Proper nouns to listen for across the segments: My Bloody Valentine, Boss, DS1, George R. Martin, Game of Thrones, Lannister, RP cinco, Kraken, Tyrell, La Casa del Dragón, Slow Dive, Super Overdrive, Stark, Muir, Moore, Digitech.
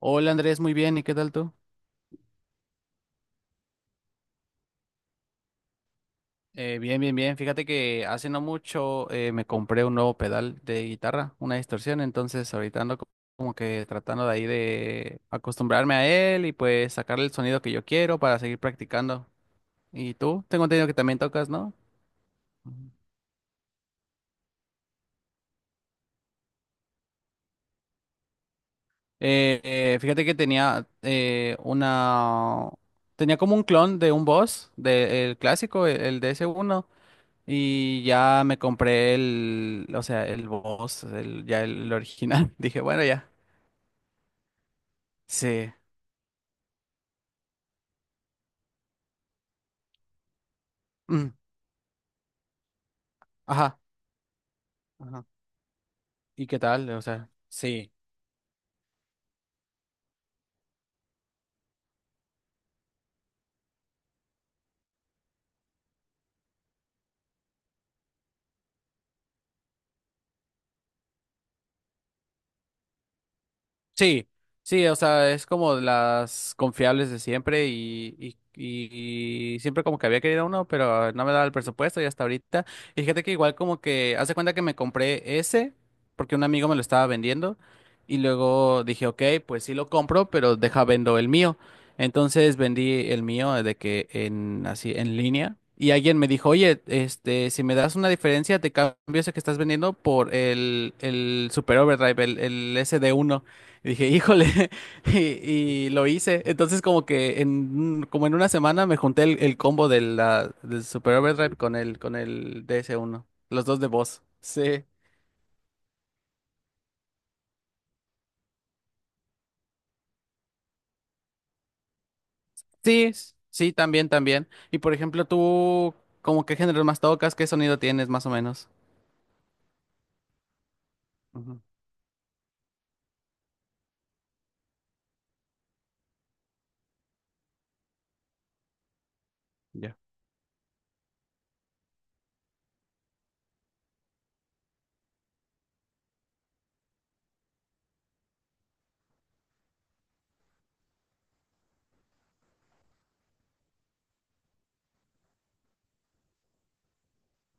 Hola Andrés, muy bien, ¿y qué tal tú? Bien, bien, bien. Fíjate que hace no mucho me compré un nuevo pedal de guitarra, una distorsión, entonces ahorita ando como que tratando de ahí de acostumbrarme a él y pues sacarle el sonido que yo quiero para seguir practicando. ¿Y tú? Tengo entendido que también tocas, ¿no? Ujú. Fíjate que tenía una. Tenía como un clon de un Boss del clásico, el DS1. Y ya me compré o sea, el Boss, ya el original. Dije, bueno, ya. Sí. Mm, ajá. Ajá. ¿Y qué tal? O sea, sí. Sí, sí, o sea, es como de las confiables de siempre y siempre como que había querido uno, pero no me daba el presupuesto y hasta ahorita. Y fíjate que igual como que, hace cuenta que me compré ese porque un amigo me lo estaba vendiendo y luego dije, ok, pues sí lo compro, pero deja vendo el mío. Entonces vendí el mío de que en así en línea y alguien me dijo, oye, este, si me das una diferencia, te cambio ese que estás vendiendo por el Super Overdrive, el SD1. Y dije, híjole, y, y lo hice. Entonces como que como en una semana me junté el combo de del Super Overdrive con el DS1, los dos de voz. Sí, sí, sí, también, también. Y, por ejemplo, tú, ¿como qué género más tocas, qué sonido tienes más o menos? Ujú. Ya.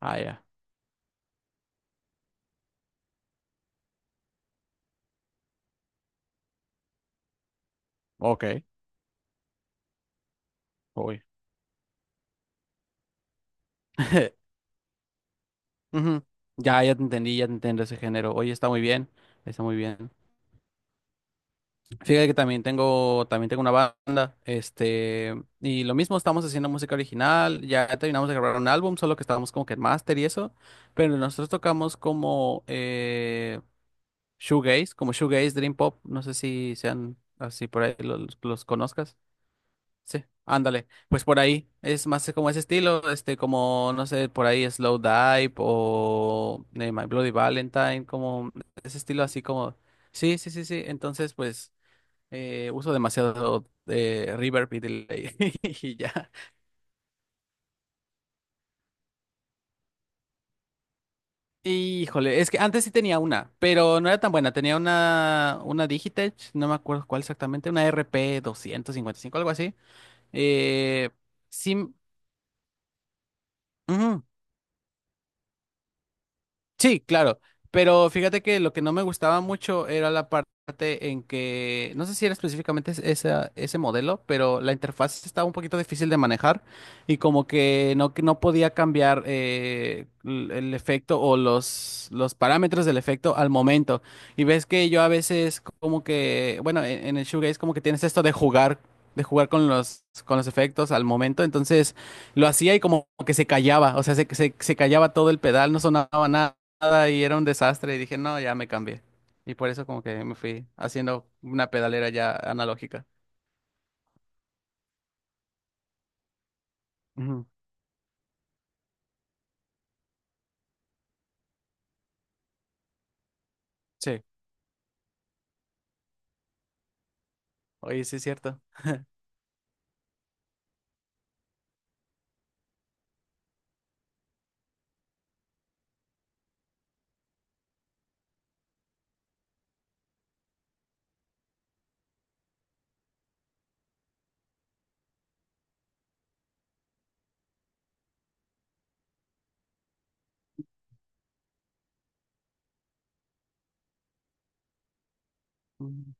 Ah, ya. Ok, voy. Ujú. Ya, ya te entendí ese género. Oye, está muy bien, está muy bien. Fíjate que también tengo una banda, este, y lo mismo, estamos haciendo música original, ya terminamos de grabar un álbum, solo que estábamos como que en máster y eso, pero nosotros tocamos como shoegaze, como shoegaze, dream pop, no sé si sean así por ahí, los conozcas. Sí, ándale, pues por ahí, es más como ese estilo, este, como, no sé, por ahí Slow Dive o My Bloody Valentine, como ese estilo así como, sí, sí, sí, sí, entonces pues. Uso demasiado reverb y delay y ya. Híjole, es que antes sí tenía una, pero no era tan buena. Tenía una Digitech, no me acuerdo cuál exactamente, una RP5, algo así. Eh, sí, ujú. Sí, claro, pero fíjate que lo que no me gustaba mucho era la parte en que, no sé si era específicamente ese modelo, pero la interfaz estaba un poquito difícil de manejar y como que no podía cambiar el efecto o los parámetros del efecto al momento. Y ves que yo a veces como que, bueno, en el shoegaze como que tienes esto de jugar. De jugar con los efectos al momento, entonces lo hacía y como que se callaba, o sea, se callaba todo el pedal, no sonaba nada nada y era un desastre y dije, no, ya me cambié. Y por eso como que me fui haciendo una pedalera ya analógica. Ujú. Sí, oye, sí es cierto. Ujú.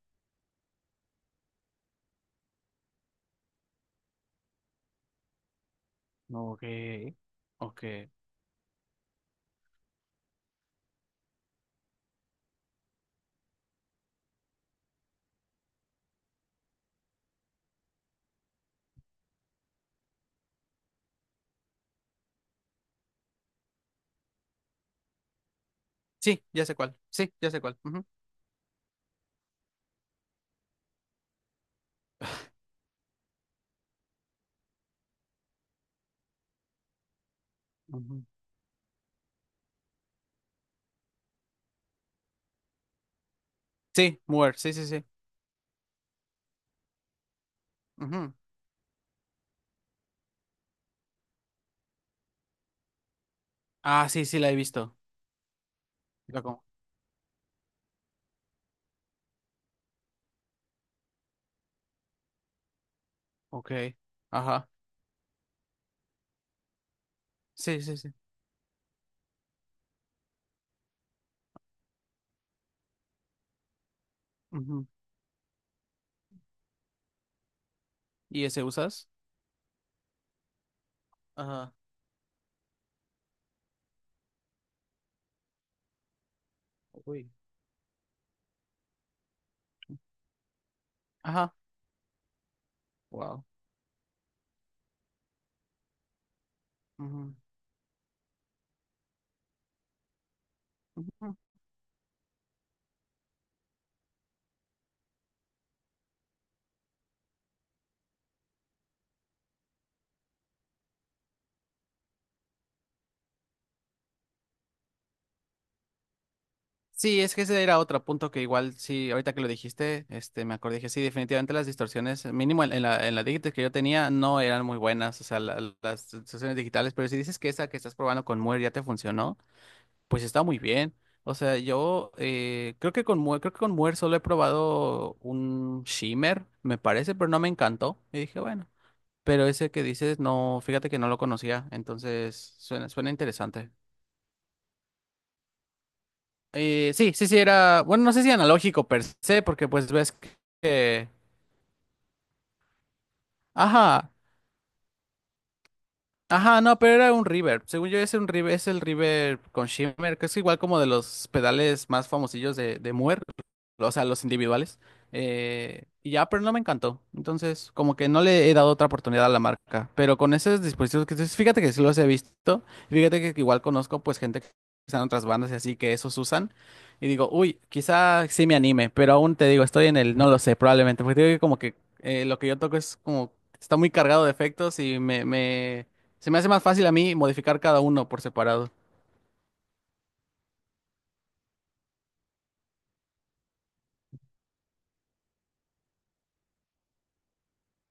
Ok, ok. Sí, ya sé cuál. Sí, ya sé cuál. Ujú, ujú. Sí, Mover, sí, sí, sí. Ujú. Ah, sí, sí, la he visto. La como- Ok, ajá. Sí, sí, sí. Ujú. ¿Y ese usas? Ajá. Uy. Ajá. Wow. Sí, es que ese era otro punto que igual sí, ahorita que lo dijiste, este, me acordé que sí, definitivamente las distorsiones, mínimo en la Digitech que yo tenía, no eran muy buenas, o sea, las distorsiones digitales, pero si dices que esa que estás probando con Muir ya te funcionó, pues está muy bien. O sea, yo creo que con Muir solo he probado un shimmer, me parece, pero no me encantó. Y dije, bueno, pero ese que dices, no, fíjate que no lo conocía, entonces suena interesante. Sí, sí, sí, era, bueno, no sé si analógico per se, porque pues ves que, ajá. Ajá, no, pero era un reverb. Según yo, es un reverb, es el reverb con shimmer, que es igual como de los pedales más famosillos de Moore, o sea, los individuales. Y ya, pero no me encantó. Entonces, como que no le he dado otra oportunidad a la marca. Pero con esos dispositivos que dices, fíjate que sí los he visto. Y fíjate que igual conozco pues gente que está en otras bandas y así que esos usan. Y digo, uy, quizá sí me anime, pero aún te digo, estoy en el, no lo sé, probablemente. Porque te digo que como que lo que yo toco es como, está muy cargado de efectos y me se me hace más fácil a mí modificar cada uno por separado.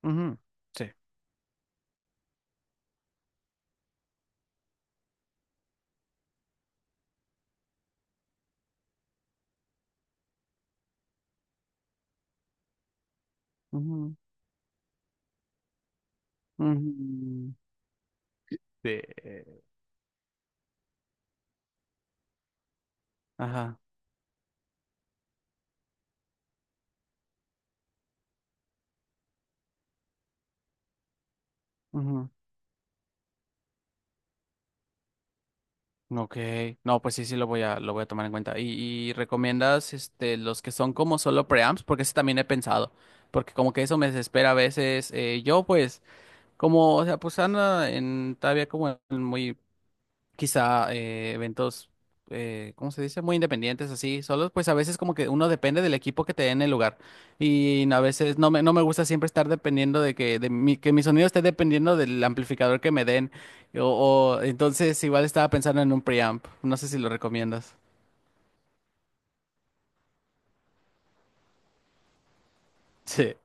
Ujú. Sí. Ujú, ujú. Sí. Ajá. Ujú. Ok. No, pues sí, sí lo voy a tomar en cuenta. ¿Y recomiendas este los que son como solo preamps? Porque ese también he pensado. Porque como que eso me desespera a veces. Yo pues, como, o sea, pues anda en todavía como en muy quizá eventos, ¿cómo se dice? Muy independientes, así, solos, pues a veces como que uno depende del equipo que te dé en el lugar. Y a veces no me gusta siempre estar dependiendo de que, de mi, que mi sonido esté dependiendo del amplificador que me den. Entonces igual estaba pensando en un preamp. No sé si lo recomiendas. Sí,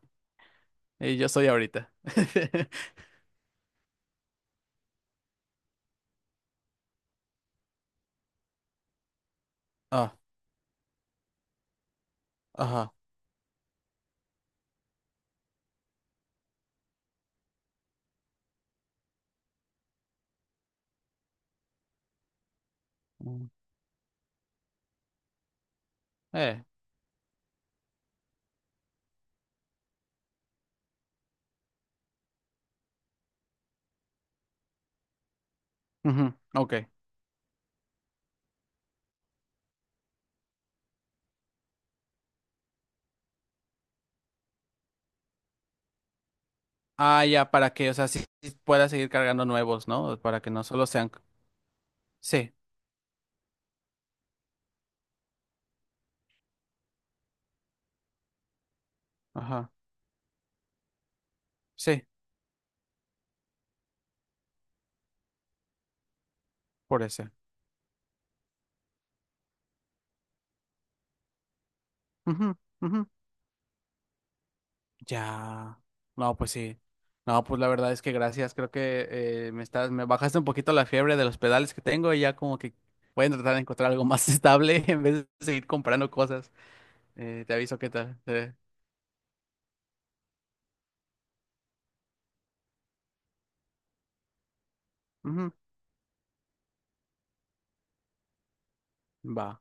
y yo soy ahorita. Ah, ajá. Mm. Eh, Ujú, ok. Ah, ya, para que, o sea, sí, sí pueda seguir cargando nuevos, ¿no? Para que no solo sean. Sí, ajá, sí. Por ese. Ujú, ujú. Ya. No, pues sí. No, pues la verdad es que gracias. Creo que me bajaste un poquito la fiebre de los pedales que tengo y ya como que voy a tratar de encontrar algo más estable en vez de seguir comprando cosas. Te aviso qué tal. Ujú. Va.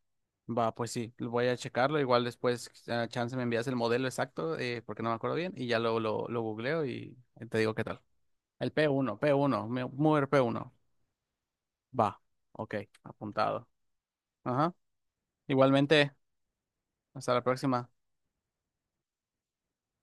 Va, pues sí, lo voy a checarlo. Igual después, chance me envías el modelo exacto, porque no me acuerdo bien, y ya lo googleo y te digo qué tal. El P1 mover P1. Va, ok, apuntado. Ajá. Igualmente. Hasta la próxima.